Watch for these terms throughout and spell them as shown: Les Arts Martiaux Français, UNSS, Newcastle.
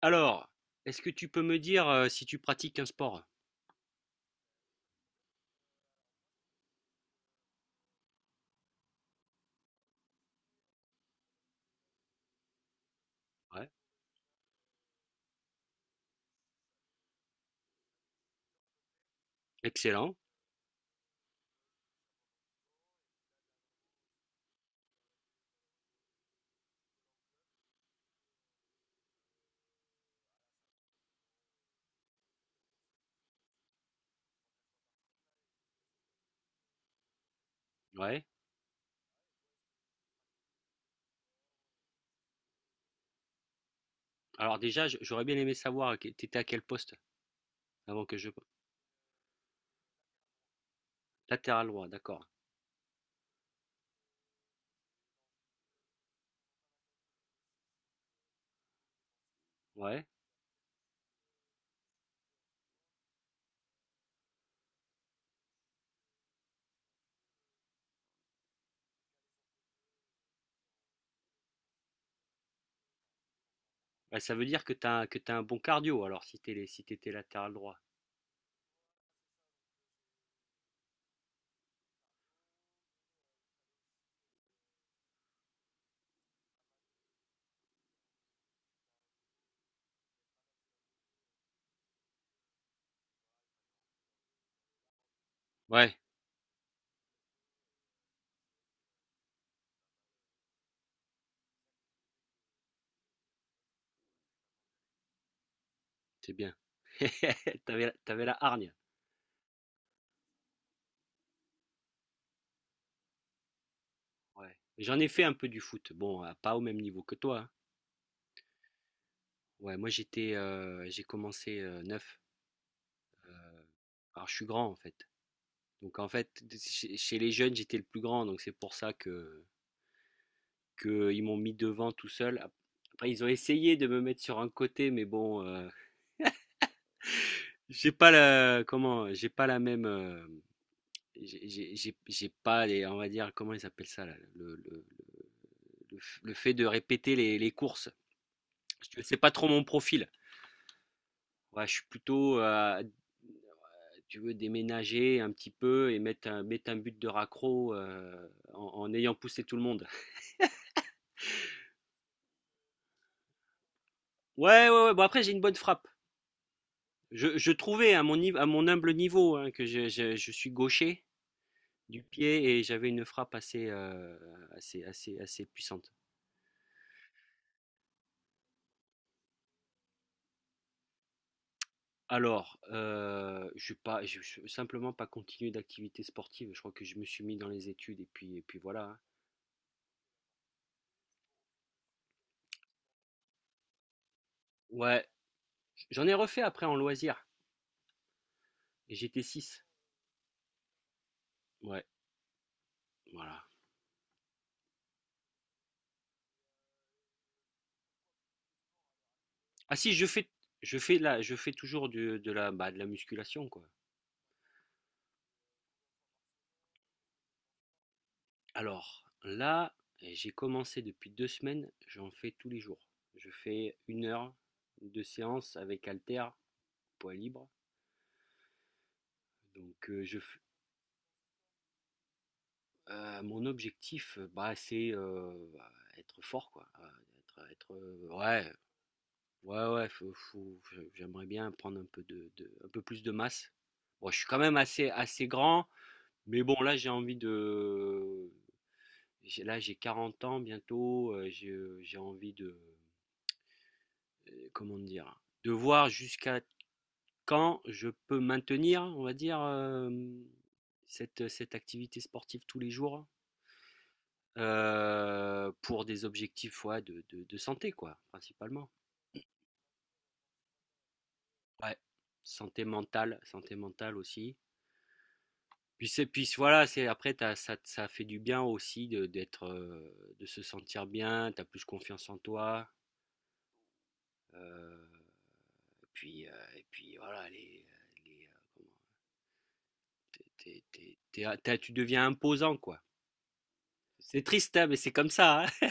Alors, est-ce que tu peux me dire, si tu pratiques un sport? Ouais, excellent, ouais. Alors déjà, je j'aurais bien aimé savoir que t'étais à quel poste avant que je latéral droit, d'accord, ouais. Bah, ça veut dire que t'as un bon cardio alors si t'étais latéral droit. Ouais, c'est bien. T'avais la hargne, ouais. J'en ai fait un peu du foot, bon, pas au même niveau que toi, hein. Ouais, moi j'ai commencé, neuf, heu, alors je suis grand en fait. Donc en fait, chez les jeunes, j'étais le plus grand, donc c'est pour ça que qu'ils m'ont mis devant tout seul. Après, ils ont essayé de me mettre sur un côté, mais bon, j'ai pas la, comment, j'ai pas la même, j'ai pas les, on va dire, comment ils appellent ça, là, le fait de répéter les courses. Si tu veux, c'est pas trop mon profil. Ouais, je suis plutôt, tu veux, déménager un petit peu et mettre un but de raccro en, en ayant poussé tout le monde. Ouais, ouais, ouais. Bon, après, j'ai une bonne frappe. Je trouvais à mon humble niveau hein, que je suis gaucher du pied et j'avais une frappe assez puissante. Alors, je suis pas, je- simplement pas continué d'activité sportive. Je crois que je me suis mis dans les études et puis voilà, hein. Ouais, j'en ai refait après en loisir. Et j'étais six. Ouais, voilà. Ah si, je fais toujours de la musculation quoi. Alors là, j'ai commencé depuis 2 semaines. J'en fais tous les jours. Je fais une heure de séance avec haltère, poids libre. Donc je. Mon objectif, bah, c'est, bah, être fort quoi, être, ouais, ouais, ouais, faut j'aimerais bien prendre un peu plus de masse. Bon, je suis quand même assez grand, mais bon là j'ai envie de j'ai là j'ai 40 ans bientôt, j'ai envie de, comment dire? De voir jusqu'à quand je peux maintenir, on va dire, cette activité sportive tous les jours. Pour des objectifs, ouais, de santé, quoi, principalement. Ouais, santé mentale aussi. Puis voilà, c'est après t'as ça fait du bien aussi de d'être, de se sentir bien, tu as plus confiance en toi, heu, et puis voilà les, comment tu es tu es tu tu deviens imposant, quoi. C'est triste, hein, mais c'est comme ça, hein.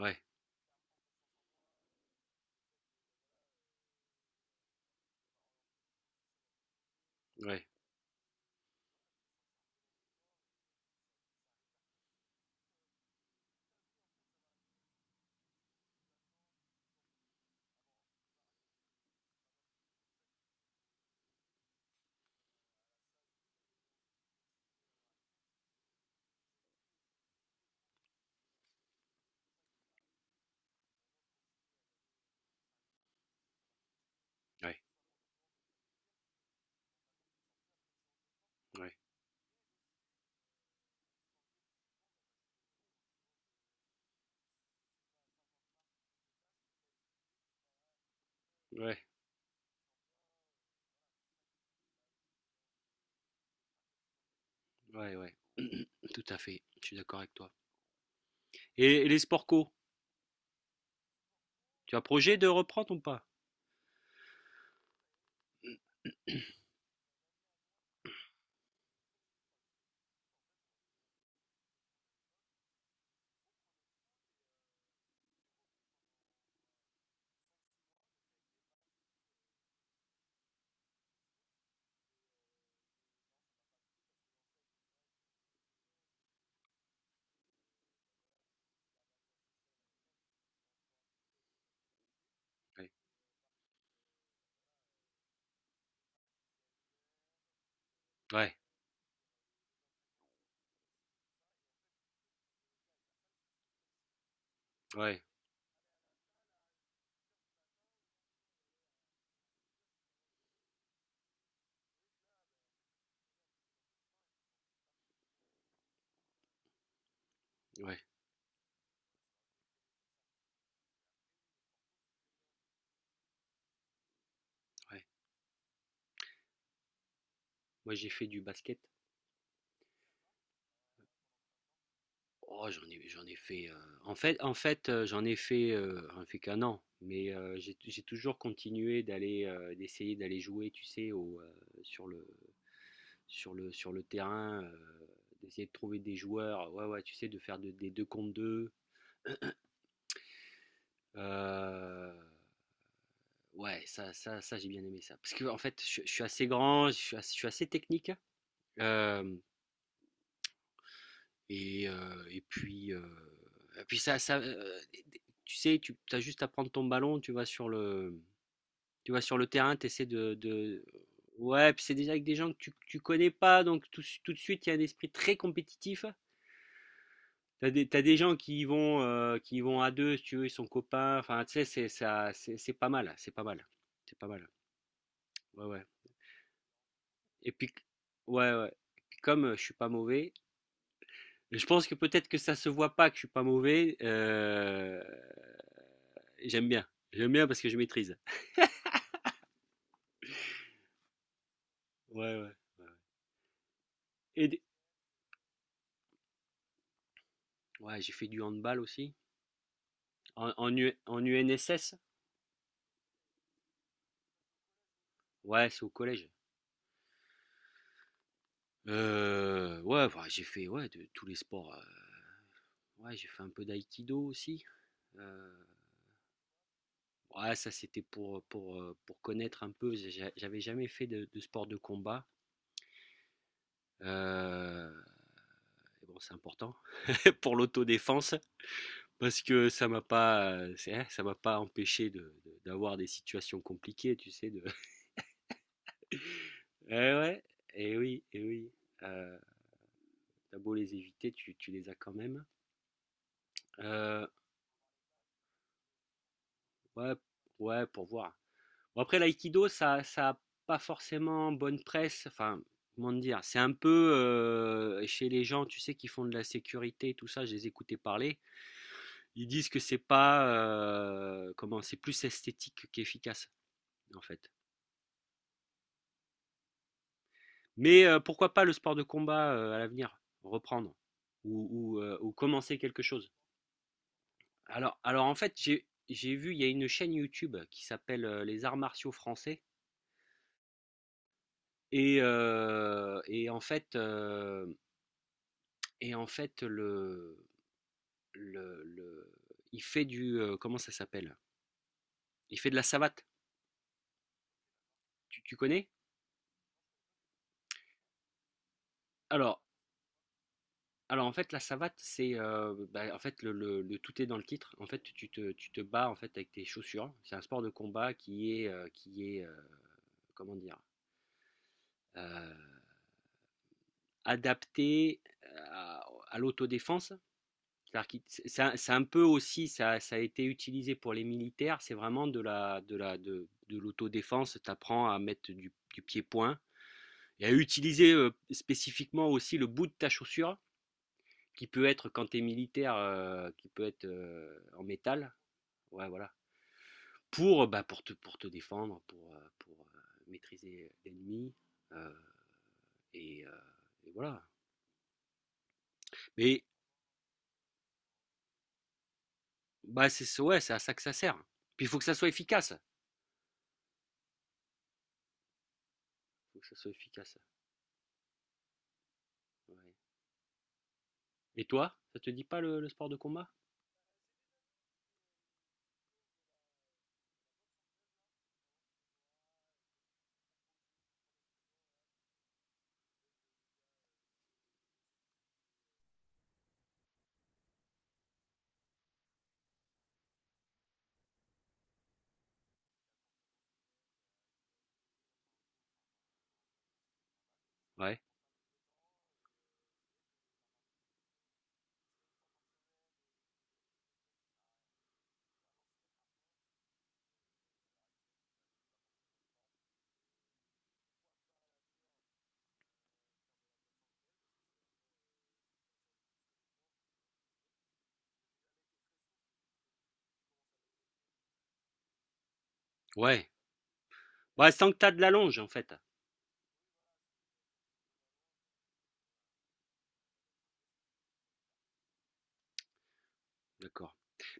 Ouais, ouais, ouais, ouais, ouais, ouais, ouais. Tout à fait, je suis d'accord avec toi. Et les sports co? Tu as projet de reprendre ou pas? Ouais, ouais, ouais, ouais, ouais. Moi, j'ai fait du basket. Oh, j'en ai fait. En fait, j'en ai fait qu'un an. Mais j'ai toujours continué d'essayer d'aller jouer, tu sais, sur le, sur le terrain, d'essayer de trouver des joueurs. Ouais, ouais, tu sais, de faire des deux contre deux. Euh, ouais, ça, j'ai bien aimé ça. Parce que en fait, je suis assez grand, je suis assez technique, hein. Euh, Et, euh, et puis, euh, et puis ça, tu sais, tu as juste à prendre ton ballon, tu vas sur le terrain, tu essaies Ouais, puis c'est déjà avec des gens que tu connais pas, donc tout de suite, il y a un esprit très compétitif. T'as des gens qui y vont à deux, si tu veux, ils sont copains. Enfin, tu sais, c'est ça, c'est pas mal, c'est pas mal, c'est pas mal. Ouais, ouais. Et puis, ouais, ouais. Et puis comme je suis pas mauvais. Je pense que peut-être que ça se voit pas que je suis pas mauvais. J'aime bien. J'aime bien parce que je maîtrise. Ouais, ouais. Et des- Ouais, j'ai fait du handball aussi. En UNSS? Ouais, c'est au collège. Ouais, enfin, j'ai fait ouais, tous les sports. Ouais, j'ai fait un peu d'aïkido aussi. Euh, ouais, ça c'était pour connaître un peu. J'avais jamais fait de sport de combat. Euh, et bon, c'est important pour l'autodéfense. Parce que ça m'a pas, c'est- hein, ça m'a pas empêché d'avoir des situations compliquées, tu sais. De… Eh ouais, et oui, et oui. Euh, t'as beau les éviter, tu les as quand même. Euh, ouais, ouais, pour voir. Bon, après, l'aïkido, ça a pas forcément bonne presse. Enfin, comment te dire, c'est un peu chez les gens, tu sais, qui font de la sécurité et tout ça. Je les écoutais parler. Ils disent que c'est pas, comment, c'est plus esthétique qu'efficace, en fait. Mais pourquoi pas le sport de combat à l'avenir, reprendre ou commencer quelque chose. Alors, en fait, j'ai vu, il y a une chaîne YouTube qui s'appelle Les Arts Martiaux Français. Et, euh, et en fait, euh, et en fait le, le- il fait comment ça s'appelle? Il fait de la savate. Tu connais? Alors, Alors, en fait, la savate, c'est bah, en fait le tout est dans le titre. En fait, tu te bats en fait avec tes chaussures. C'est un sport de combat qui est, comment dire euh, adapté à, à l'autodéfense. C'est-à-dire c'est un peu aussi ça a été utilisé pour les militaires. C'est vraiment de l'autodéfense. T'apprends à mettre du pied-point et à utiliser spécifiquement aussi le bout de ta chaussure qui peut être quand tu es militaire, qui peut être en métal. Ouais, voilà. Pour, bah, pour te défendre, pour, maîtriser l'ennemi. euh, et, euh, et voilà. Mais bah, c'est ouais, c'est à ça que ça sert. Puis il faut que ça soit efficace. Faut que ça soit efficace. Ouais. Et toi, ça te dit pas le sport de combat? Ouais. Ouais. Bah, sans que tu as de la longe, en fait. D'accord.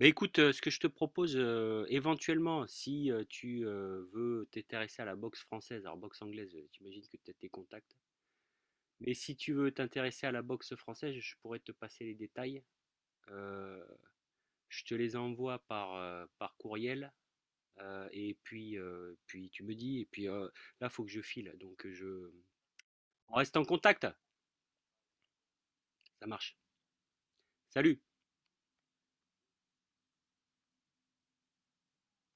Mais écoute, ce que je te propose éventuellement, si tu veux t'intéresser à la boxe française, alors boxe anglaise, j'imagine que tu as tes contacts. Mais si tu veux t'intéresser à la boxe française, je pourrais te passer les détails. Euh, je te les envoie par courriel. Et puis, puis tu me dis. Et puis là, faut que je file. Donc je. On reste en contact. Ça marche. Salut!